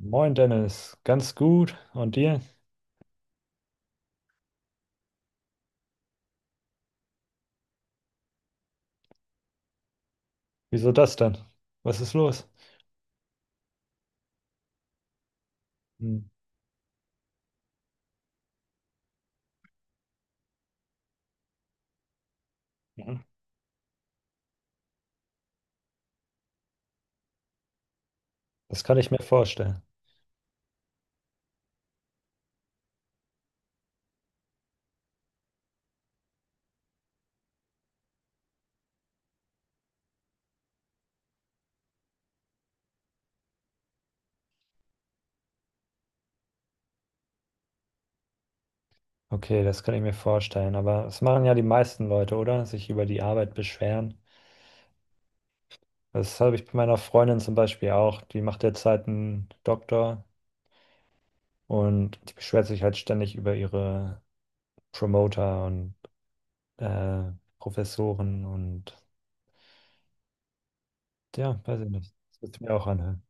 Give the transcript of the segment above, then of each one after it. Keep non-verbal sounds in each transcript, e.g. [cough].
Moin Dennis, ganz gut. Und dir? Wieso das denn? Was ist los? Hm. Mhm. Das kann ich mir vorstellen. Okay, das kann ich mir vorstellen. Aber das machen ja die meisten Leute, oder? Sich über die Arbeit beschweren. Das habe ich bei meiner Freundin zum Beispiel auch. Die macht derzeit einen Doktor und die beschwert sich halt ständig über ihre Promoter und äh, Professoren und ja, weiß ich nicht. Das wird mir auch anhören.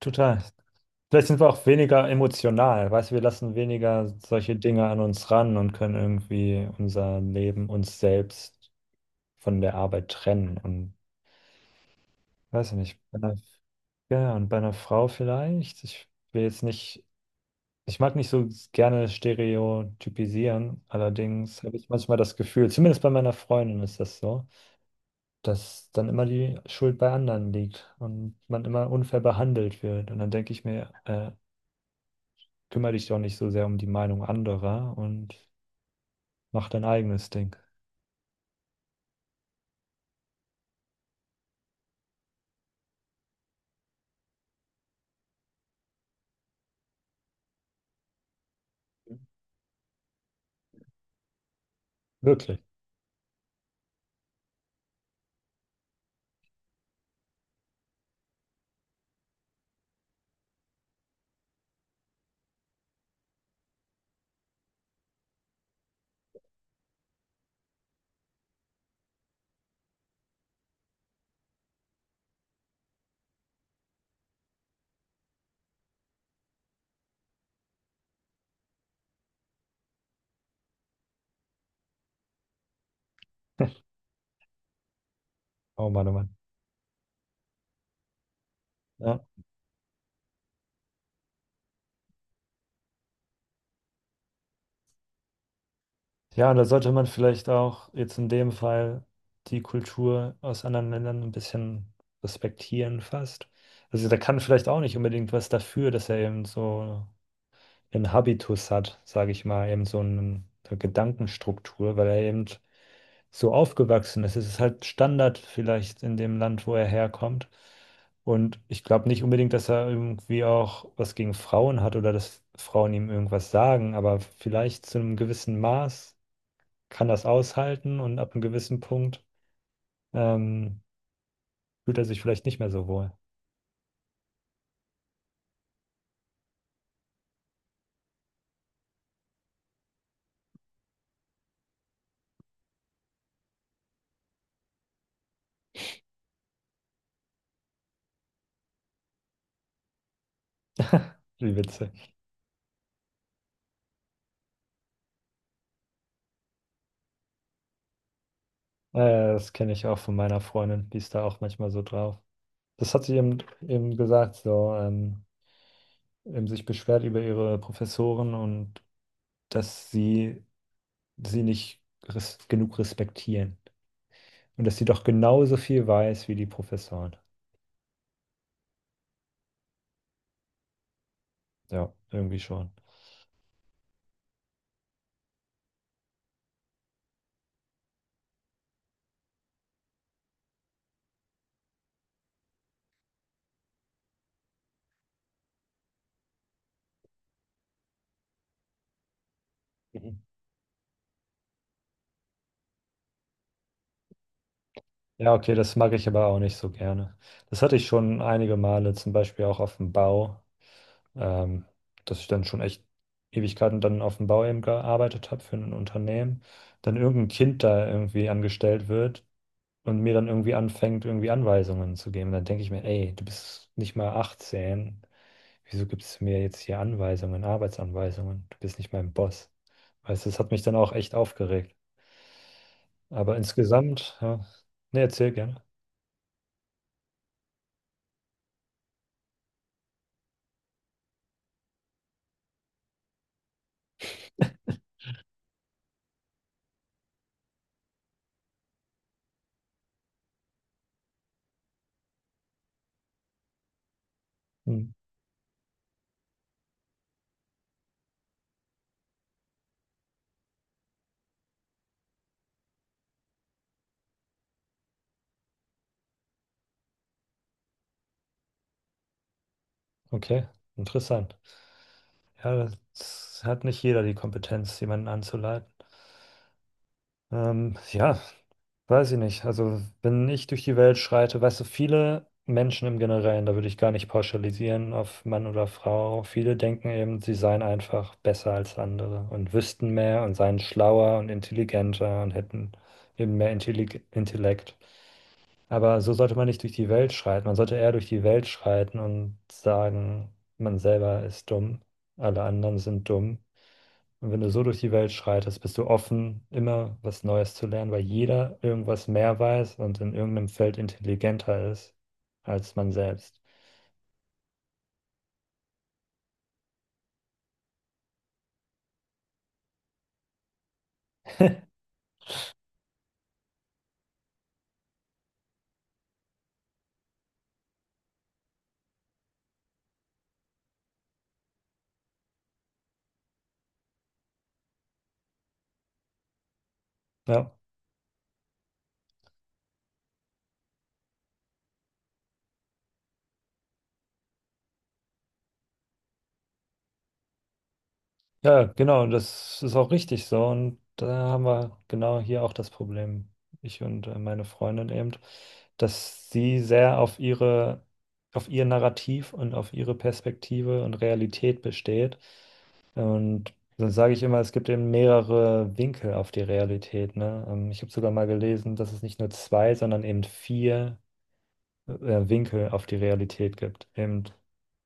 Total. Vielleicht sind wir auch weniger emotional, weißt du, wir lassen weniger solche Dinge an uns ran und können irgendwie unser Leben, uns selbst von der Arbeit trennen. Und weiß ich nicht, bei einer, ja, ja, und bei einer Frau vielleicht. Ich will jetzt nicht, ich mag nicht so gerne stereotypisieren, allerdings habe ich manchmal das Gefühl, zumindest bei meiner Freundin ist das so, dass dann immer die Schuld bei anderen liegt und man immer unfair behandelt wird. Und dann denke ich mir, kümmere dich doch nicht so sehr um die Meinung anderer und mach dein eigenes Ding. Wirklich. [laughs] Oh Mann, oh Mann. Ja. Ja, da sollte man vielleicht auch jetzt in dem Fall die Kultur aus anderen Ländern ein bisschen respektieren fast. Also da kann vielleicht auch nicht unbedingt was dafür, dass er eben so einen Habitus hat, sage ich mal, eben so einen- eine Gedankenstruktur, weil er eben so aufgewachsen ist. Es ist halt Standard vielleicht in dem Land, wo er herkommt. Und ich glaube nicht unbedingt, dass er irgendwie auch was gegen Frauen hat oder dass Frauen ihm irgendwas sagen, aber vielleicht zu einem gewissen Maß kann das aushalten und ab einem gewissen Punkt ähm, fühlt er sich vielleicht nicht mehr so wohl. Wie witzig. Äh, Das kenne ich auch von meiner Freundin, die ist da auch manchmal so drauf. Das hat sie eben gesagt, so eben sich beschwert über ihre Professoren und dass sie nicht res genug respektieren. Und dass sie doch genauso viel weiß wie die Professoren. Ja, irgendwie schon. Mhm. Ja, okay, das mag ich aber auch nicht so gerne. Das hatte ich schon einige Male, zum Beispiel auch auf dem Bau, ähm, dass ich dann schon echt Ewigkeiten dann auf dem Bau eben gearbeitet habe für ein Unternehmen. Dann irgendein Kind da irgendwie angestellt wird und mir dann irgendwie anfängt, irgendwie Anweisungen zu geben. Dann denke ich mir, ey, du bist nicht mal 18. Wieso gibst du mir jetzt hier Anweisungen, Arbeitsanweisungen? Du bist nicht mein Boss. Weißt du, das hat mich dann auch echt aufgeregt. Aber insgesamt, ja, ne, erzähl gerne. Hm, okay, interessant. Ja, das hat nicht jeder die Kompetenz, jemanden anzuleiten. Ja, weiß ich nicht. Also, wenn ich durch die Welt schreite, weißt du, viele Menschen im Generellen, da würde ich gar nicht pauschalisieren auf Mann oder Frau, viele denken eben, sie seien einfach besser als andere und wüssten mehr und seien schlauer und intelligenter und hätten eben mehr Intellig Intellekt. Aber so sollte man nicht durch die Welt schreiten. Man sollte eher durch die Welt schreiten und sagen, man selber ist dumm, alle anderen sind dumm. Und wenn du so durch die Welt schreitest, bist du offen, immer was Neues zu lernen, weil jeder irgendwas mehr weiß und in irgendeinem Feld intelligenter ist als man selbst. Ja. Ja, genau, das ist auch richtig so. Und da haben wir genau hier auch das Problem, ich und meine Freundin eben, dass sie sehr auf ihre, auf ihr Narrativ und auf ihre Perspektive und Realität besteht. Und dann sage ich immer, es gibt eben mehrere Winkel auf die Realität, ne? Ich habe sogar mal gelesen, dass es nicht nur zwei, sondern eben vier äh, Winkel auf die Realität gibt. Eben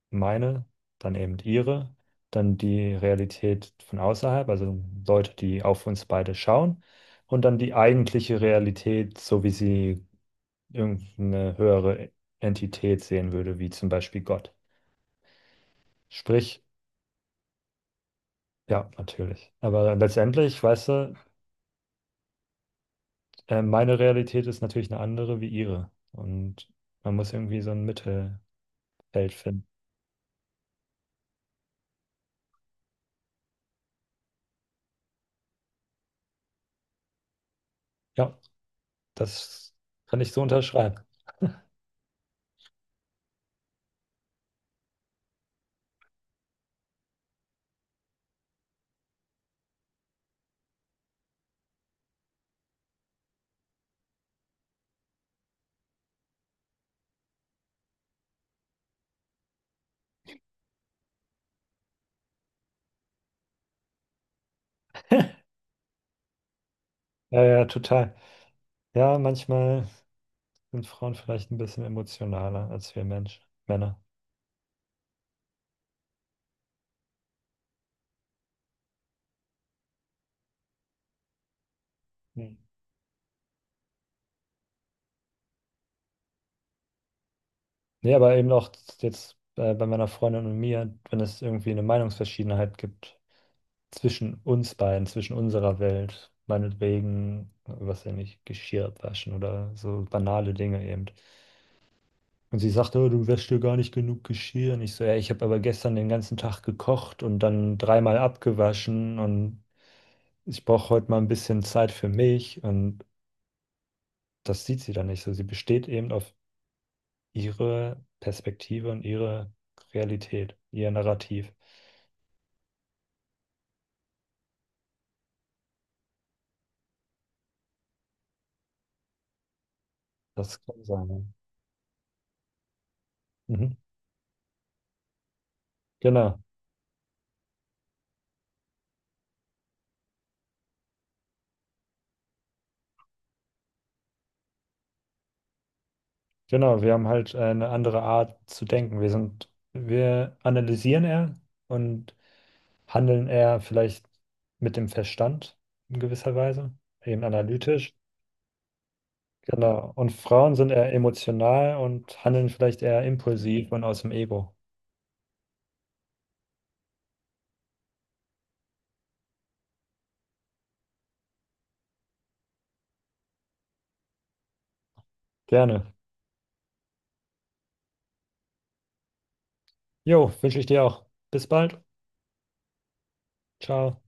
meine, dann eben ihre, dann die Realität von außerhalb, also Leute, die auf uns beide schauen, und dann die eigentliche Realität, so wie sie irgendeine höhere Entität sehen würde, wie zum Beispiel Gott. Sprich, ja, natürlich. Aber letztendlich, weißt du, meine Realität ist natürlich eine andere wie ihre. Und man muss irgendwie so ein Mittelfeld finden. Ja, das kann ich so unterschreiben. Ja, ja, total. Ja, manchmal sind Frauen vielleicht ein bisschen emotionaler als wir Männer. Hm. Nee, aber eben auch jetzt bei meiner Freundin und mir, wenn es irgendwie eine Meinungsverschiedenheit gibt zwischen uns beiden, zwischen unserer Welt, meinetwegen, was ja nicht, Geschirr waschen oder so banale Dinge eben. Und sie sagte oh, du wäschst dir gar nicht genug Geschirr. Und ich so, ja, ich habe aber gestern den ganzen Tag gekocht und dann dreimal abgewaschen und ich brauche heute mal ein bisschen Zeit für mich. Und das sieht sie dann nicht so. Sie besteht eben auf ihre Perspektive und ihre Realität, ihr Narrativ. Das kann sein. Ja. Mhm. Genau, genau. Wir haben halt eine andere Art zu denken. Wir sind, wir analysieren eher und handeln eher vielleicht mit dem Verstand in gewisser Weise, eben analytisch. Genau. Und Frauen sind eher emotional und handeln vielleicht eher impulsiv und aus dem Ego. Gerne. Jo, wünsche ich dir auch. Bis bald. Ciao.